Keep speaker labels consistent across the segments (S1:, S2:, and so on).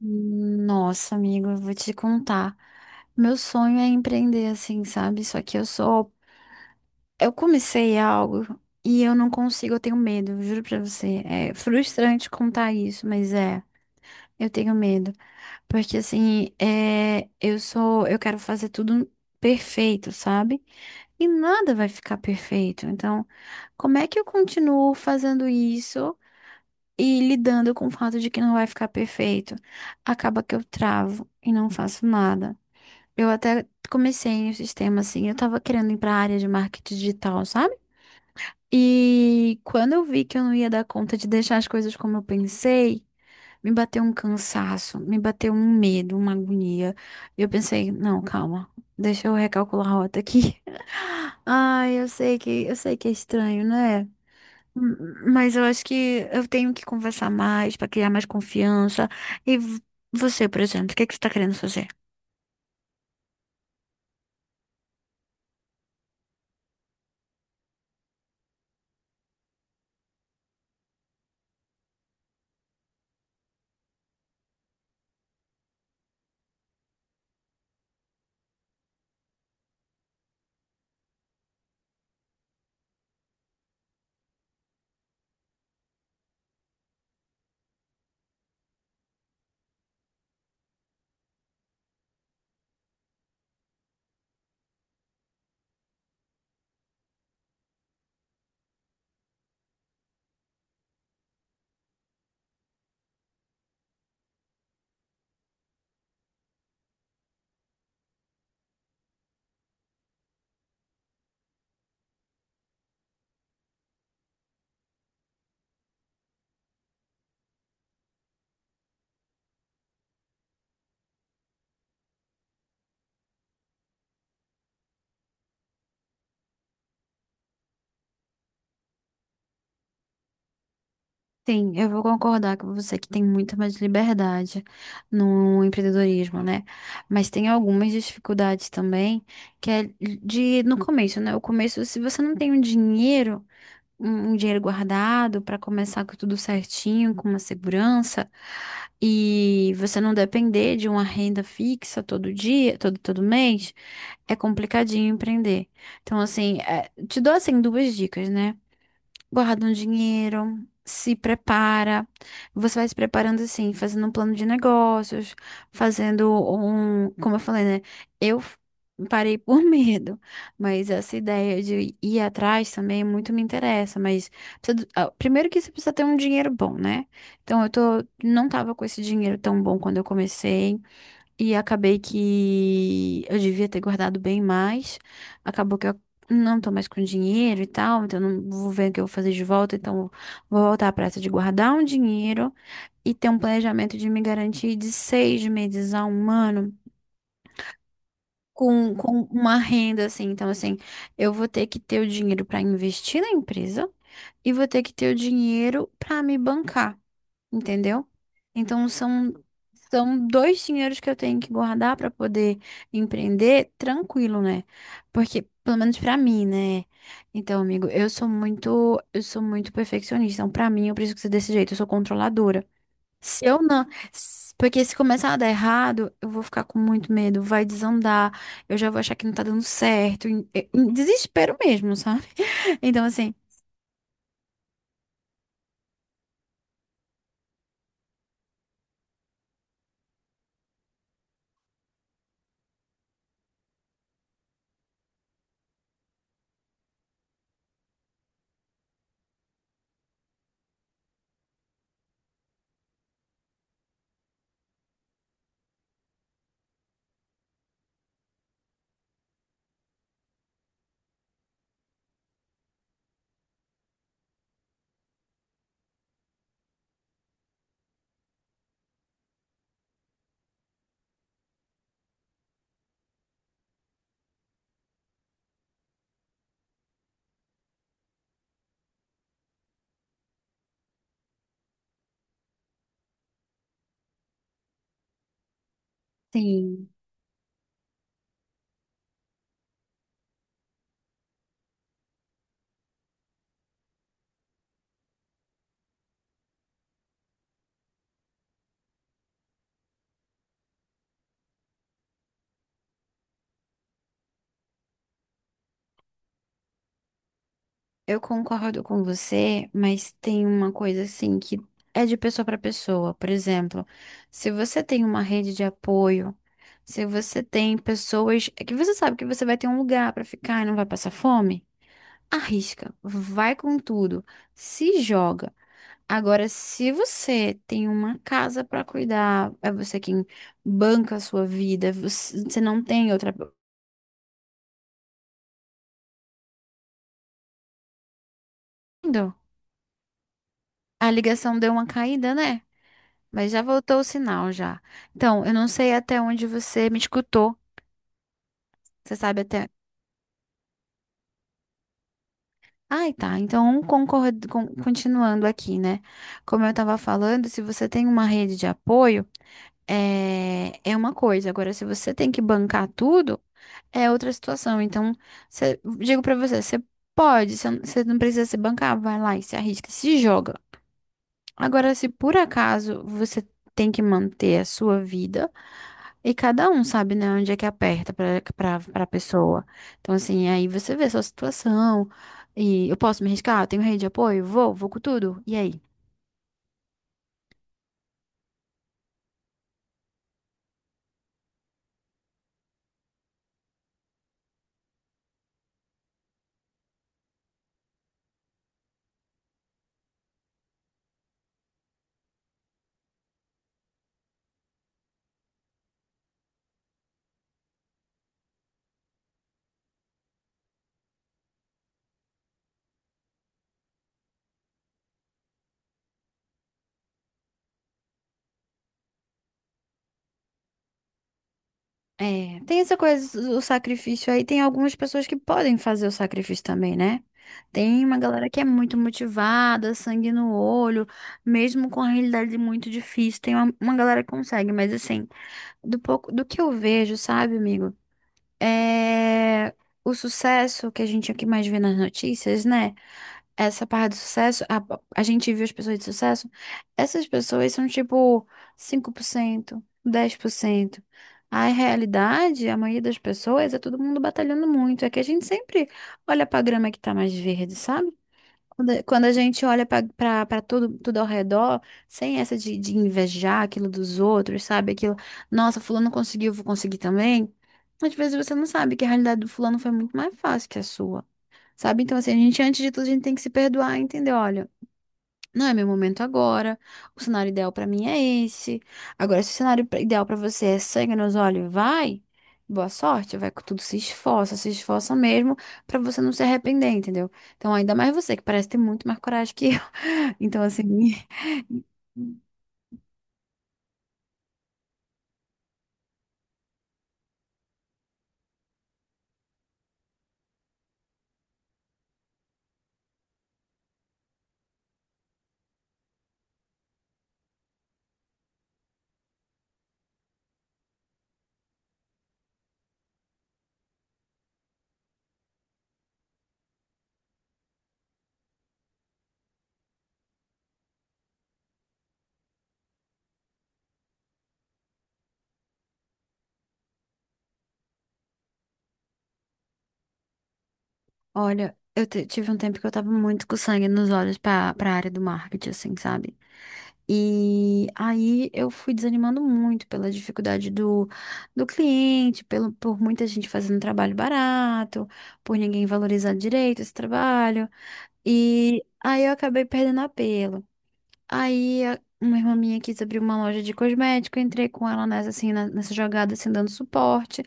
S1: Nossa, amigo, eu vou te contar. Meu sonho é empreender assim, sabe? Só que eu sou. Eu comecei algo e eu não consigo, eu tenho medo, eu juro pra você. É frustrante contar isso, mas é. Eu tenho medo. Porque assim, eu sou. Eu quero fazer tudo perfeito, sabe? E nada vai ficar perfeito. Então, como é que eu continuo fazendo isso? E lidando com o fato de que não vai ficar perfeito, acaba que eu travo e não faço nada. Eu até comecei no sistema assim, eu tava querendo ir pra área de marketing digital, sabe? E quando eu vi que eu não ia dar conta de deixar as coisas como eu pensei, me bateu um cansaço, me bateu um medo, uma agonia. E eu pensei, não, calma, deixa eu recalcular a rota aqui. Ai, eu sei que é estranho, né? M- Mas eu acho que eu tenho que conversar mais para criar mais confiança. E você, por exemplo, o que é que você está querendo fazer? Sim, eu vou concordar com você que tem muito mais liberdade no empreendedorismo, né? Mas tem algumas dificuldades também, que é de no começo, né? O começo, se você não tem um dinheiro, um dinheiro guardado para começar com tudo certinho, com uma segurança, e você não depender de uma renda fixa todo dia, todo mês, é complicadinho empreender. Então, assim, é, te dou assim duas dicas, né? Guarda um dinheiro, se prepara. Você vai se preparando assim, fazendo um plano de negócios, fazendo um, como eu falei, né? Eu f- Parei por medo, mas essa ideia de ir atrás também muito me interessa, mas precisa do- ah, primeiro que você precisa ter um dinheiro bom, né? Então eu tô, não tava com esse dinheiro tão bom quando eu comecei. E acabei que eu devia ter guardado bem mais. Acabou que eu não tô mais com dinheiro e tal, então não vou ver o que eu vou fazer de volta. Então vou voltar à pressa de guardar um dinheiro e ter um planejamento de me garantir de 6 meses a um ano com uma renda assim. Então, assim, eu vou ter que ter o dinheiro para investir na empresa e vou ter que ter o dinheiro para me bancar, entendeu? Então são são dois dinheiros que eu tenho que guardar para poder empreender tranquilo, né? Porque pelo menos para mim, né? Então, amigo, eu sou muito perfeccionista. Então, para mim, eu preciso ser desse jeito, eu sou controladora. Se eu não, se- Porque se começar a dar errado, eu vou ficar com muito medo, vai desandar, eu já vou achar que não tá dando certo, em desespero mesmo, sabe? Então, assim, sim. Eu concordo com você, mas tem uma coisa assim que é de pessoa para pessoa. Por exemplo, se você tem uma rede de apoio, se você tem pessoas é que você sabe que você vai ter um lugar para ficar e não vai passar fome, arrisca, vai com tudo, se joga. Agora, se você tem uma casa para cuidar, é você quem banca a sua vida, você não tem outra. Entendeu? A ligação deu uma caída, né? Mas já voltou o sinal já. Então, eu não sei até onde você me escutou. Você sabe até. Ai, tá. Então, concordo, continuando aqui, né? Como eu estava falando, se você tem uma rede de apoio, é, é uma coisa. Agora, se você tem que bancar tudo, é outra situação. Então, digo pra você, você pode, você não cê não precisa se bancar, vai lá e se arrisca, se joga. Agora, se por acaso você tem que manter a sua vida. E cada um sabe, né, onde é que aperta para pessoa. Então, assim, aí você vê a sua situação. E eu posso me arriscar? Eu tenho rede de apoio? Vou com tudo. E aí? É, tem essa coisa, o sacrifício aí. Tem algumas pessoas que podem fazer o sacrifício também, né? Tem uma galera que é muito motivada, sangue no olho, mesmo com a realidade muito difícil. Tem uma galera que consegue, mas assim, do pouco, do que eu vejo, sabe, amigo? É. O sucesso que a gente aqui mais vê nas notícias, né? Essa parte do sucesso, a gente viu as pessoas de sucesso, essas pessoas são tipo 5%, 10%. A realidade, a maioria das pessoas, é todo mundo batalhando muito. É que a gente sempre olha pra grama que tá mais verde, sabe? Quando a gente olha pra tudo, tudo ao redor, sem essa de invejar aquilo dos outros, sabe? Aquilo, nossa, fulano conseguiu, eu vou conseguir também. Às vezes você não sabe que a realidade do fulano foi muito mais fácil que a sua. Sabe? Então, assim, a gente, antes de tudo, a gente tem que se perdoar, entendeu? Olha, não é meu momento agora. O cenário ideal pra mim é esse. Agora, se o cenário ideal pra você é sangue nos olhos, vai. Boa sorte, vai com tudo, se esforça, se esforça mesmo pra você não se arrepender, entendeu? Então, ainda mais você, que parece ter muito mais coragem que eu. Então, assim, olha, eu tive um tempo que eu tava muito com sangue nos olhos pra, pra área do marketing, assim, sabe? E aí eu fui desanimando muito pela dificuldade do, do cliente, pelo, por muita gente fazendo trabalho barato, por ninguém valorizar direito esse trabalho. E aí eu acabei perdendo apelo. Aí a- uma irmã minha quis abrir uma loja de cosmético, eu entrei com ela nessa, assim, nessa jogada, assim, dando suporte.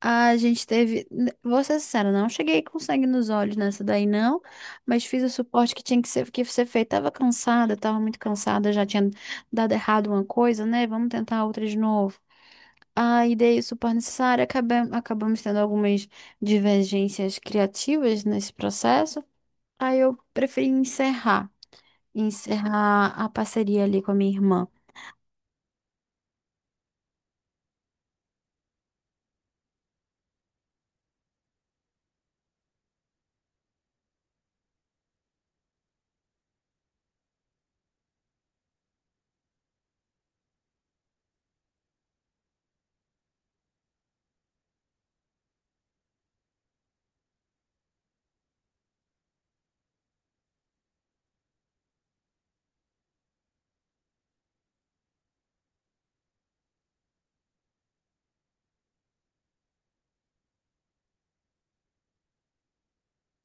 S1: A gente teve, vou ser sincera, não cheguei com sangue nos olhos nessa daí, não, mas fiz o suporte que tinha que ser feito. Tava cansada, tava muito cansada, já tinha dado errado uma coisa, né? Vamos tentar outra de novo. Aí dei o suporte necessário, acabamos tendo algumas divergências criativas nesse processo. Aí eu preferi encerrar a parceria ali com a minha irmã.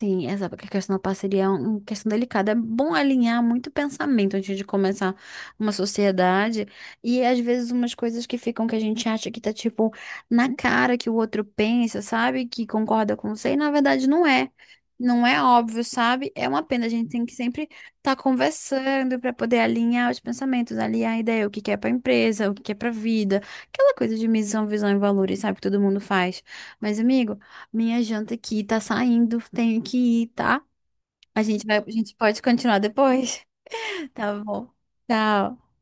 S1: Sim, exato, porque a questão da parceria é um, uma questão delicada. É bom alinhar muito pensamento antes de começar uma sociedade. E é, às vezes umas coisas que ficam que a gente acha que tá tipo na cara que o outro pensa, sabe? Que concorda com você, e na verdade não é. Não é óbvio, sabe? É uma pena, a gente tem que sempre estar conversando para poder alinhar os pensamentos, alinhar a ideia, o que que é para empresa, o que que é para vida, aquela coisa de missão, visão e valores, sabe? Que todo mundo faz. Mas, amigo. Minha janta aqui tá saindo, tenho que ir, tá? A gente vai, a gente pode continuar depois. Tá bom. Tchau.